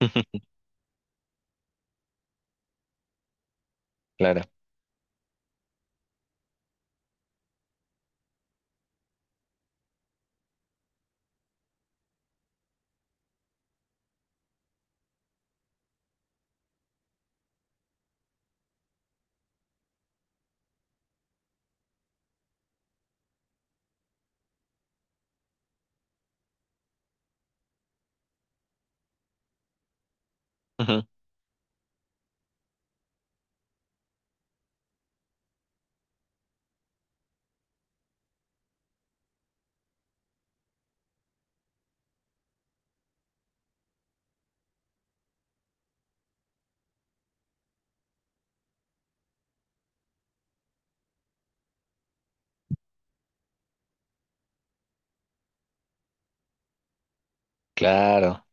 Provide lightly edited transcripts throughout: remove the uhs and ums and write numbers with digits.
Ujú. Claro. Ujú, claro.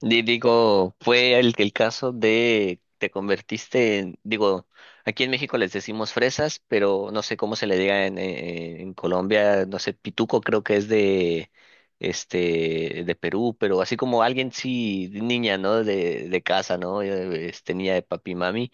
Digo, fue el caso de te convertiste en, digo, aquí en México les decimos fresas, pero no sé cómo se le diga en Colombia, no sé, pituco creo que es de este de Perú, pero así como alguien sí, niña, ¿no? De casa, ¿no? Este niña de papi mami.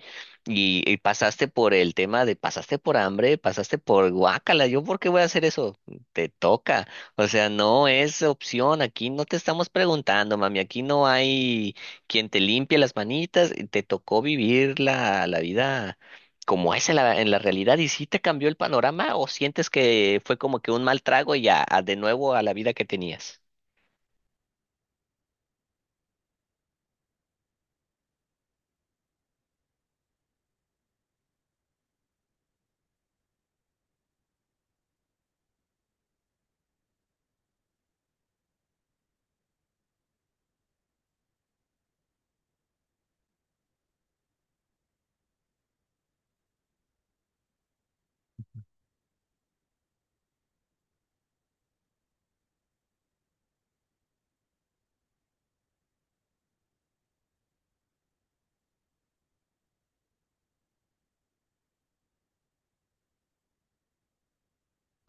Y pasaste por el tema de pasaste por hambre, pasaste por guácala, ¿yo por qué voy a hacer eso? Te toca. O sea, no es opción. Aquí no te estamos preguntando, mami. Aquí no hay quien te limpie las manitas. Y te tocó vivir la vida como es en la realidad. ¿Y si te cambió el panorama o sientes que fue como que un mal trago y ya a de nuevo a la vida que tenías?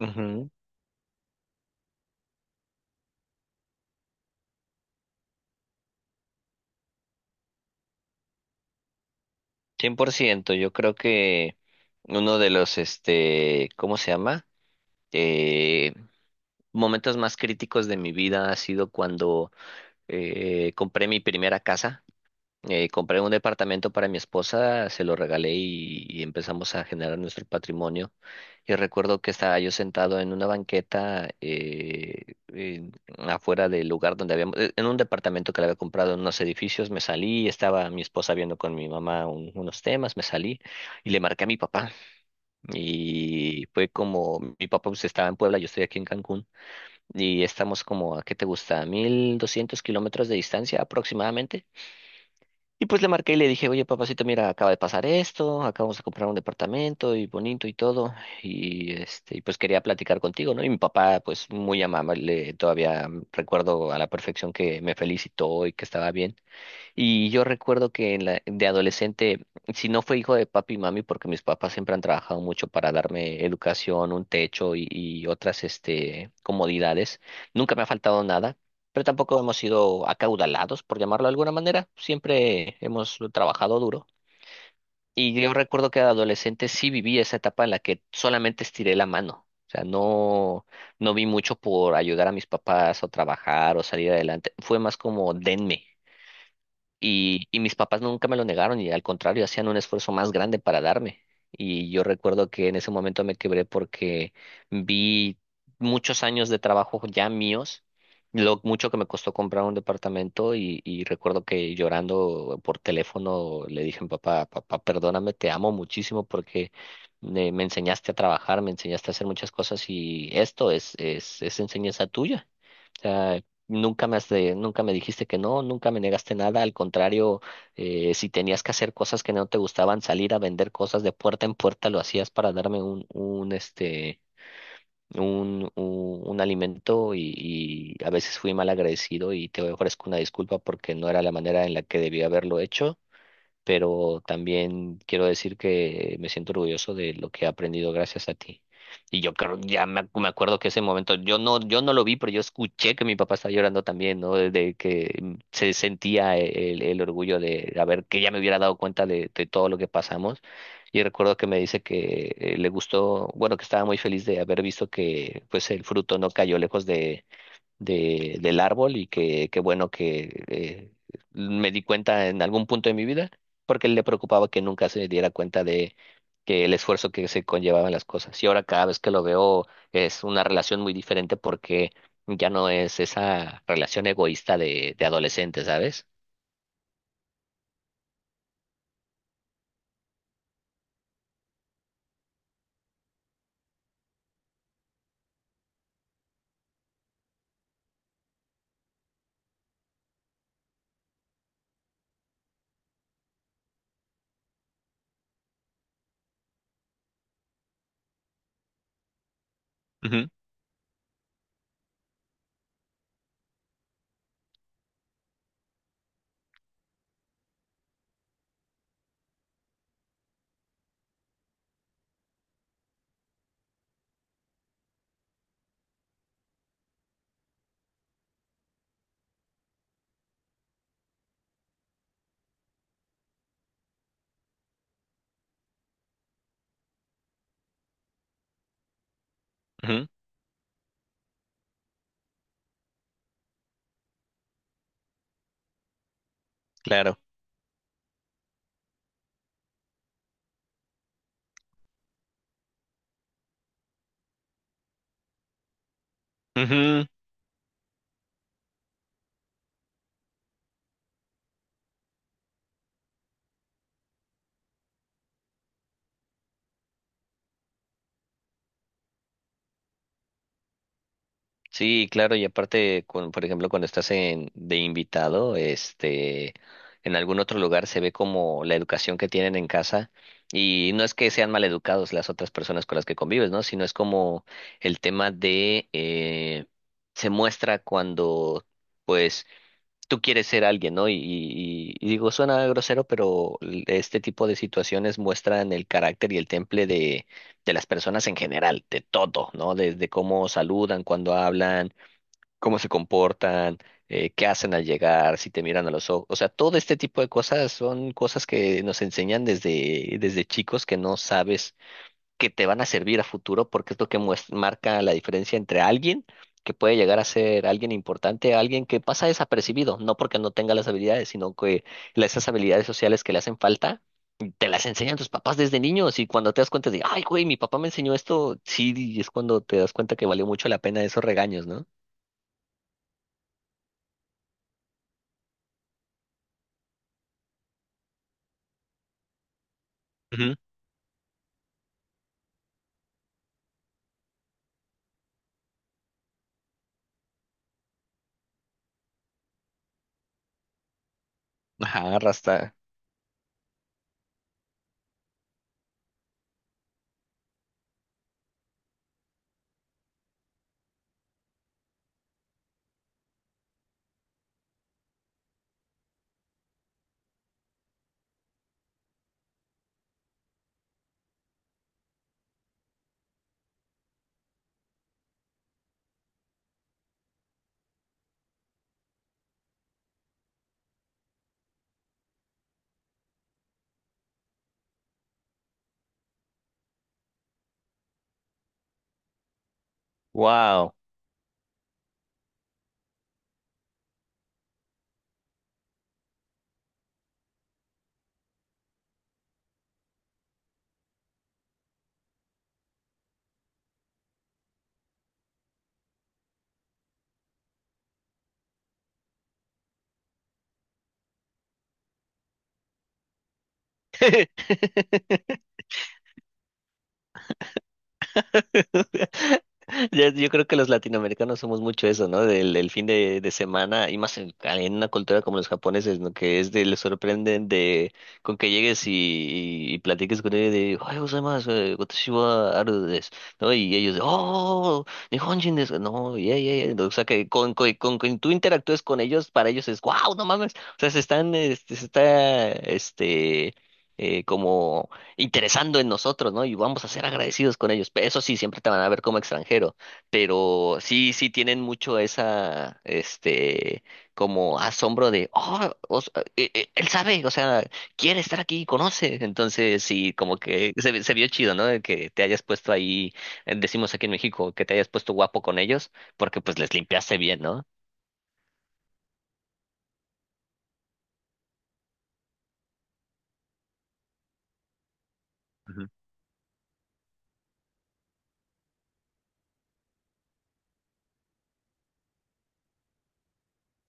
Ujú, 100%. Yo creo que uno de los, este, ¿cómo se llama? Eh, Momentos más críticos de mi vida ha sido cuando compré mi primera casa. Compré un departamento para mi esposa, se lo regalé y empezamos a generar nuestro patrimonio. Y recuerdo que estaba yo sentado en una banqueta afuera del lugar donde habíamos, en un departamento que le había comprado en unos edificios, me salí, estaba mi esposa viendo con mi mamá unos temas, me salí y le marqué a mi papá. Y fue como, mi papá pues, estaba en Puebla, yo estoy aquí en Cancún y estamos como, ¿a qué te gusta? 1200 kilómetros de distancia aproximadamente. Y pues le marqué y le dije, oye, papacito, mira, acaba de pasar esto, acabamos de comprar un departamento y bonito y todo, y este, y pues quería platicar contigo, ¿no? Y mi papá, pues muy amable, todavía recuerdo a la perfección que me felicitó y que estaba bien. Y yo recuerdo que en de adolescente, si no fue hijo de papi y mami, porque mis papás siempre han trabajado mucho para darme educación, un techo y otras este, comodidades, nunca me ha faltado nada, pero tampoco hemos sido acaudalados, por llamarlo de alguna manera, siempre hemos trabajado duro. Y yo recuerdo que de adolescente sí viví esa etapa en la que solamente estiré la mano. O sea, no, no vi mucho por ayudar a mis papás o trabajar o salir adelante. Fue más como denme. Y mis papás nunca me lo negaron y al contrario, hacían un esfuerzo más grande para darme. Y yo recuerdo que en ese momento me quebré porque vi muchos años de trabajo ya míos, lo mucho que me costó comprar un departamento y recuerdo que llorando por teléfono le dije a mi papá, papá, perdóname, te amo muchísimo porque me enseñaste a trabajar, me enseñaste a hacer muchas cosas y esto es enseñanza tuya sea, nunca me nunca me dijiste que no, nunca me negaste nada. Al contrario, si tenías que hacer cosas que no te gustaban, salir a vender cosas de puerta en puerta, lo hacías para darme un este, un alimento y a veces fui mal agradecido y te ofrezco una disculpa porque no era la manera en la que debía haberlo hecho, pero también quiero decir que me siento orgulloso de lo que he aprendido gracias a ti. Y yo creo, ya me acuerdo que ese momento, yo no lo vi, pero yo escuché que mi papá estaba llorando también, ¿no? De que mm, se sentía el orgullo de haber, que ya me hubiera dado cuenta de todo lo que pasamos. Y recuerdo que me dice que le gustó, bueno, que estaba muy feliz de haber visto que pues el fruto no cayó lejos del árbol y que qué bueno que me di cuenta en algún punto de mi vida, porque le preocupaba que nunca se diera cuenta de que el esfuerzo que se conllevaban las cosas. Y ahora cada vez que lo veo es una relación muy diferente porque ya no es esa relación egoísta de adolescente, ¿sabes? Ujú, ujú, claro. Ujú. Sí, claro, y aparte, con, por ejemplo, cuando estás en, de invitado, este, en algún otro lugar se ve como la educación que tienen en casa y no es que sean maleducados las otras personas con las que convives, ¿no? Sino es como el tema de se muestra cuando, pues, tú quieres ser alguien, ¿no? Y digo, suena grosero, pero este tipo de situaciones muestran el carácter y el temple de las personas en general, de todo, ¿no? Desde cómo saludan, cuando hablan cómo se comportan, qué hacen al llegar, si te miran a los ojos. O sea, todo este tipo de cosas son cosas que nos enseñan desde, desde chicos que no sabes que te van a servir a futuro porque es lo que marca la diferencia entre alguien que puede llegar a ser alguien importante, alguien que pasa desapercibido, no porque no tenga las habilidades, sino que esas habilidades sociales que le hacen falta. Te las enseñan tus papás desde niños y cuando te das cuenta de, ay, güey, mi papá me enseñó esto, sí, y es cuando te das cuenta que valió mucho la pena esos regaños, ¿no? Ajá, rasta. Wow. Yo creo que los latinoamericanos somos mucho eso, ¿no? Del fin de semana y más en una cultura como los japoneses, ¿no? Que es de, les sorprenden de con que llegues y platiques con ellos de, "¡Ay, gozaimasu! Watashi wa aru desu", ¿no? Y ellos de, "¡Oh! ¡Nihonjin desu! No, yeah, yeah, yeah". O sea, que tú interactúes con ellos, para ellos es, "¡Wow! ¡No mames!". O sea, se están, este, se está, este, como interesando en nosotros, ¿no? Y vamos a ser agradecidos con ellos. Eso sí, siempre te van a ver como extranjero, pero sí, sí tienen mucho esa, este, como asombro de, oh, él sabe, o sea, quiere estar aquí, conoce. Entonces, sí, como que se, se vio chido, ¿no? El que te hayas puesto ahí, decimos aquí en México, que te hayas puesto guapo con ellos, porque pues les limpiaste bien, ¿no? Ujú.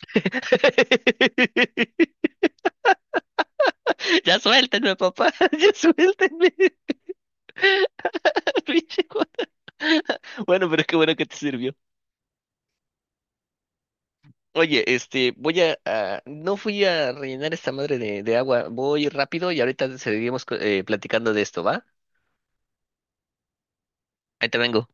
Ya suéltenme, papá, ya suéltenme, pinche Bueno, pero qué bueno que te sirvió. Oye, este, voy no fui a rellenar esta madre de agua. Voy rápido y ahorita seguimos platicando de esto, ¿va? Ahí te vengo.